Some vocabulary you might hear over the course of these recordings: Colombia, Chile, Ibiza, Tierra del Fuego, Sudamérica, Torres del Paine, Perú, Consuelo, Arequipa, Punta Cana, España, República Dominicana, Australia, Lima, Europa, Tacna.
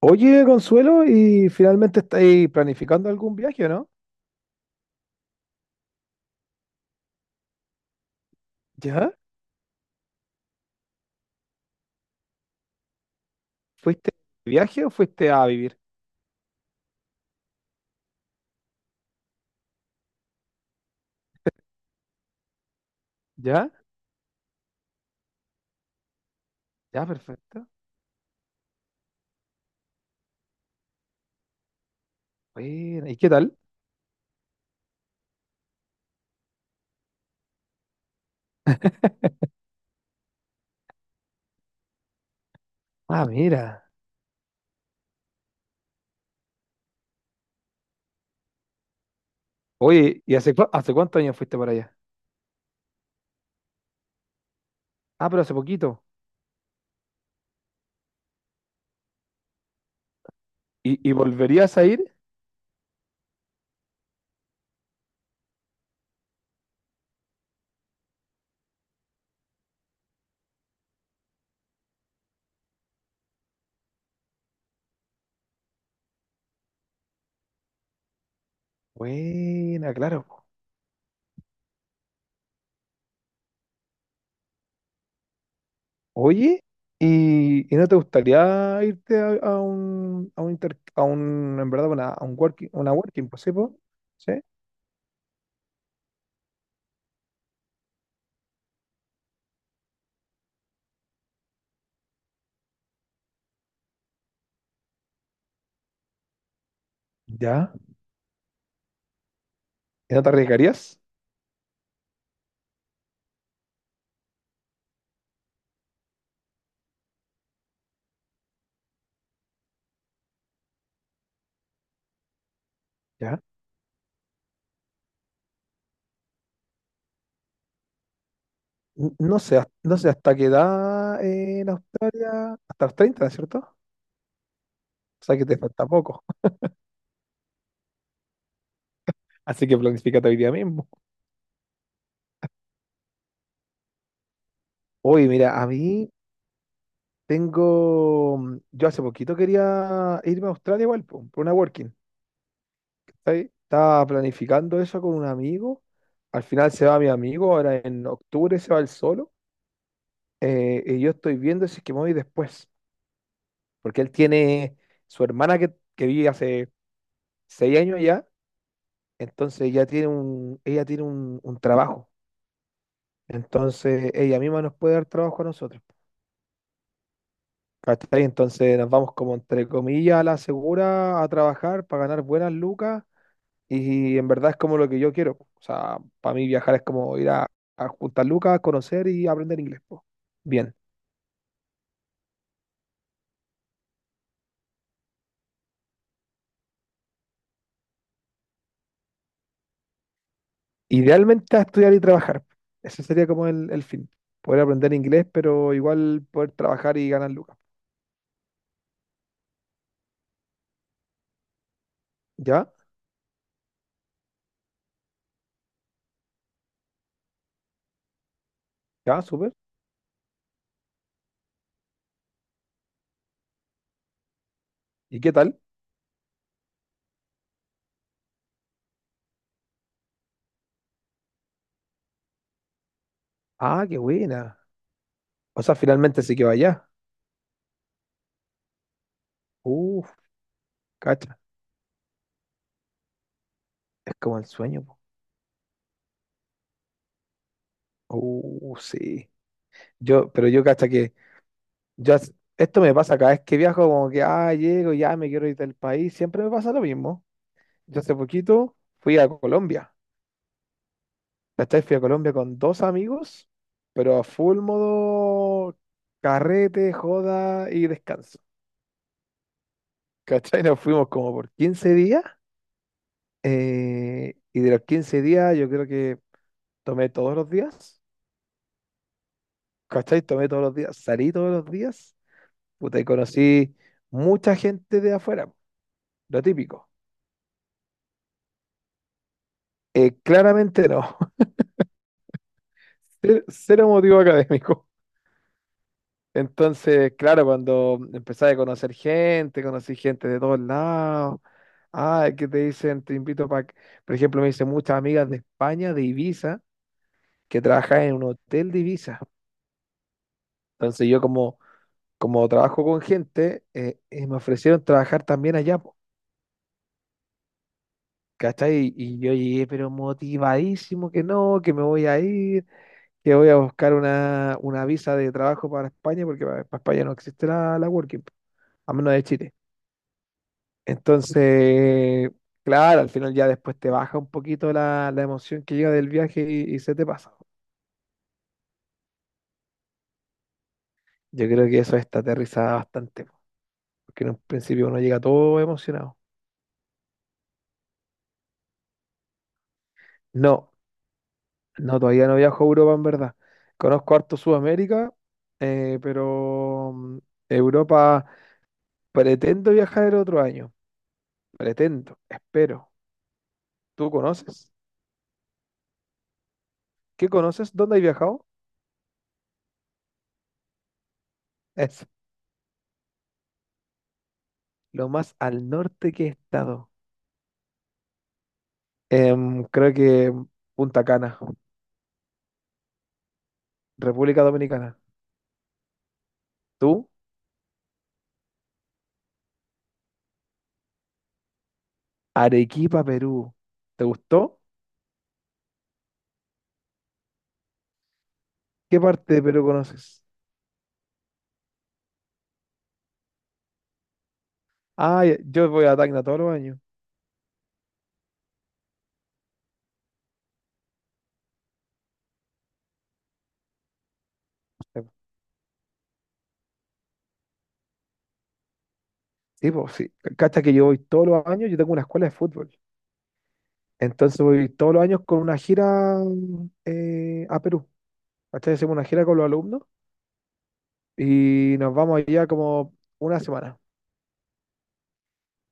Oye, Consuelo, ¿y finalmente estáis planificando algún viaje o no? ¿Ya? ¿Fuiste de viaje o fuiste a vivir? ¿Ya? Ya, perfecto. Bueno, ¿y qué tal? Ah, mira. Oye, ¿y hace, hace cuántos años fuiste para allá? Ah, pero hace poquito. ¿Y volverías a ir? Buena, claro, po. Oye, ¿y no te gustaría irte a un, inter- a un, en verdad, a un working, una working, pues sí, po? ¿Sí? ¿Ya? ¿Y no te arriesgarías? No sé, no sé hasta qué edad, hasta los treinta, ¿no es cierto? O sea que te falta poco. Así que planifícate hoy día mismo. Oye, mira, a mí tengo. Yo hace poquito quería irme a Australia igual, po, por una working. ¿Cachai? Estaba planificando eso con un amigo. Al final se va mi amigo, ahora en octubre se va él solo. Y yo estoy viendo si es que me voy después. Porque él tiene su hermana que, vive hace seis años ya. Entonces ya tiene un, ella tiene un trabajo. Entonces, ella misma nos puede dar trabajo a nosotros. ¿Cachai? Entonces nos vamos como entre comillas a la segura a trabajar para ganar buenas lucas, y en verdad es como lo que yo quiero, po. O sea, para mí viajar es como ir a juntar lucas, conocer y aprender inglés, po. Bien. Idealmente a estudiar y trabajar. Ese sería como el fin. Poder aprender inglés, pero igual poder trabajar y ganar lucas. ¿Ya? ¿Ya? Súper. ¿Y qué tal? Ah, qué buena. O sea, finalmente sí que vaya. Uf, cacha. Es como el sueño. Sí. Yo, pero yo hasta que yo, esto me pasa cada vez que viajo, como que, ah, llego, ya me quiero ir del país, siempre me pasa lo mismo. Yo hace poquito fui a Colombia, ¿cachai? Fui a Colombia con dos amigos, pero a full modo carrete, joda y descanso. ¿Cachai? Nos fuimos como por 15 días, y de los 15 días yo creo que tomé todos los días, ¿cachai? Tomé todos los días, salí todos los días, puta, y conocí mucha gente de afuera, lo típico. Claramente no. Cero, cero motivo académico. Entonces, claro, cuando empecé a conocer gente, conocí gente de todos lados. Ah, que te dicen, te invito para... Por ejemplo, me dicen muchas amigas de España, de Ibiza, que trabajan en un hotel de Ibiza. Entonces yo como, como trabajo con gente, me ofrecieron trabajar también allá, po, ¿cachai? Y yo llegué, pero motivadísimo que no, que me voy a ir, que voy a buscar una visa de trabajo para España, porque para España no existe la Working, a menos de Chile. Entonces, claro, al final ya después te baja un poquito la emoción que llega del viaje y se te pasa. Yo creo que eso está aterrizada bastante, po, porque en un principio uno llega todo emocionado. No, no, todavía no viajo a Europa en verdad. Conozco harto Sudamérica, pero mm, Europa pretendo viajar el otro año. Pretendo, espero. ¿Tú conoces? ¿Qué conoces? ¿Dónde has viajado? Es lo más al norte que he estado. Em, creo que Punta Cana, República Dominicana. ¿Tú? Arequipa, Perú. ¿Te gustó? ¿Qué parte de Perú conoces? Ah, yo voy a Tacna todos los años. Eh, Sí, pues sí. Cacha que yo voy todos los años, yo tengo una escuela de fútbol. Entonces voy todos los años con una gira a Perú. ¿Cachai? Hacemos una gira con los alumnos y nos vamos allá como una semana.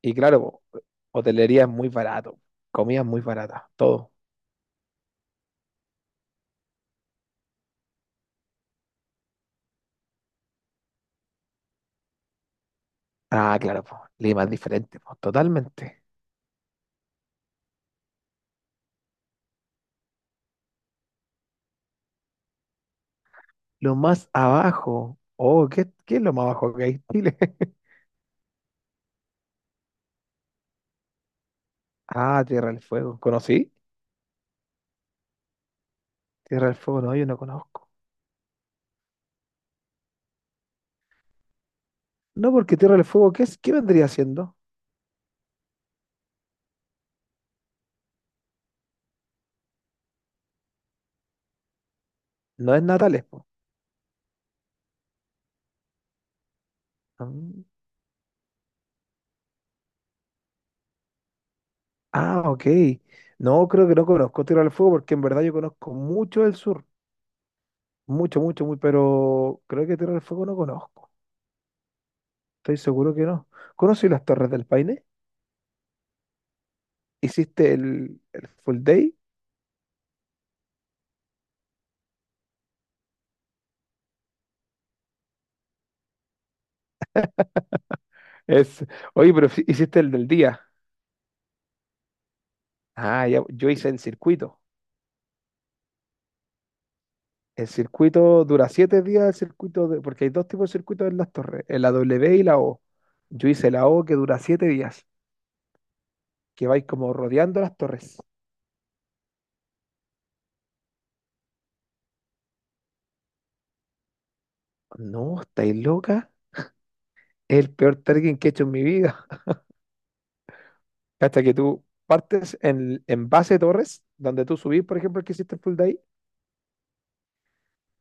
Y claro, po, hotelería es muy barato, comida es muy barata, todo. Ah, claro, po, Lima es diferente, po, totalmente. Lo más abajo, oh, ¿qué es lo más abajo que hay en Chile? Ah, Tierra del Fuego, ¿conocí? Tierra del Fuego, no, yo no conozco. No, porque Tierra del Fuego, ¿qué vendría siendo? No es Natales, po. Mm. Ah, ok. No, creo que no conozco Tierra del Fuego porque en verdad yo conozco mucho del sur, mucho, mucho, muy, pero creo que Tierra del Fuego no conozco. Estoy seguro que no. ¿Conocí las Torres del Paine? ¿Hiciste el full day? Es, oye, pero hiciste el del día. Ah, ya, yo hice en circuito. El circuito dura siete días, el porque hay dos tipos de circuitos en las torres, en la W y la O. Yo hice la O que dura siete días, que vais como rodeando las torres. No, estáis loca. Es el peor trekking que he hecho en mi vida. Hasta que tú partes en base de torres, donde tú subís, por ejemplo, el que hiciste el full day,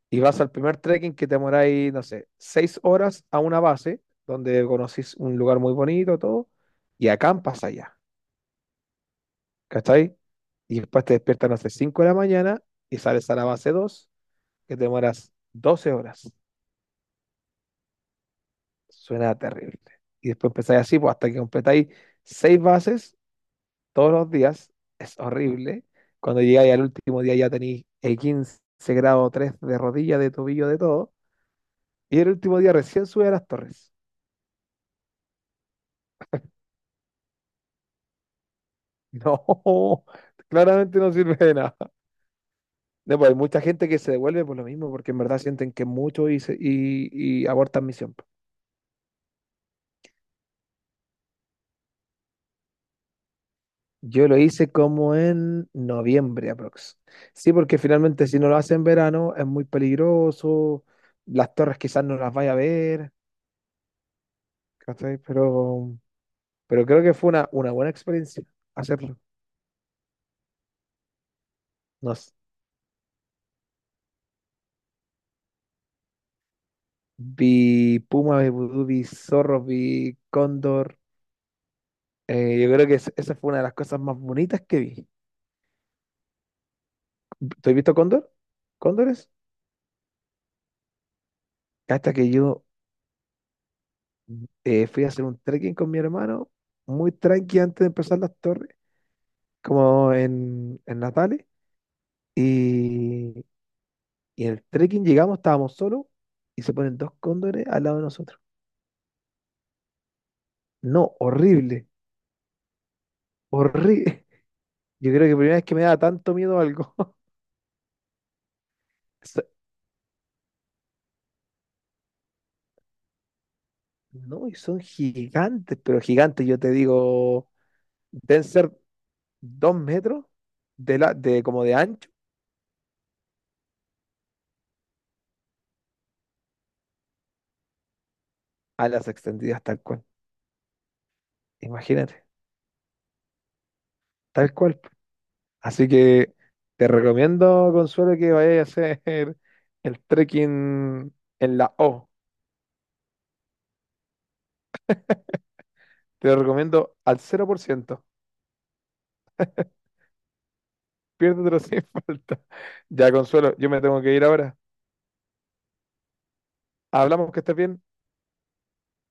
y vas al primer trekking que te demoráis, no sé, seis horas a una base, donde conocís un lugar muy bonito, todo, y acampas allá, ¿cachai? Y después te despiertas, no sé, 5 de la mañana y sales a la base 2 que te demoras 12 horas. Suena terrible. Y después empezáis así, pues, hasta que completáis seis bases todos los días, es horrible. Cuando llegáis al último día ya tenéis el 15 grado 3 de rodilla, de tobillo, de todo. Y el último día recién sube a las torres. No, claramente no sirve de nada. No, pues hay mucha gente que se devuelve por lo mismo, porque en verdad sienten que mucho y abortan misión, pues. Yo lo hice como en noviembre aprox. Sí, porque finalmente si no lo hace en verano es muy peligroso, las torres quizás no las vaya a ver, ¿cachai? Pero creo que fue una buena experiencia hacerlo. Nos, vi puma, vi vudú, vi zorro, vi cóndor. Yo creo que esa fue una de las cosas más bonitas que vi. ¿Tú has visto Cóndor? ¿Cóndores? Hasta que yo fui a hacer un trekking con mi hermano, muy tranqui antes de empezar las torres, como en Natales. Y, y en el trekking llegamos, estábamos solos, y se ponen dos cóndores al lado de nosotros. No, horrible, horrible. Yo creo que primera vez que me da tanto miedo algo. So- No, y son gigantes, pero gigantes, yo te digo, deben ser 2 metros de, la, de como de ancho a las extendidas, tal cual. Imagínate, tal cual. Así que te recomiendo, Consuelo, que vayas a hacer el trekking en la O. Te lo recomiendo al 0 por ciento. Piérdetelo sin falta. Ya, Consuelo, yo me tengo que ir ahora. Hablamos, que estés bien.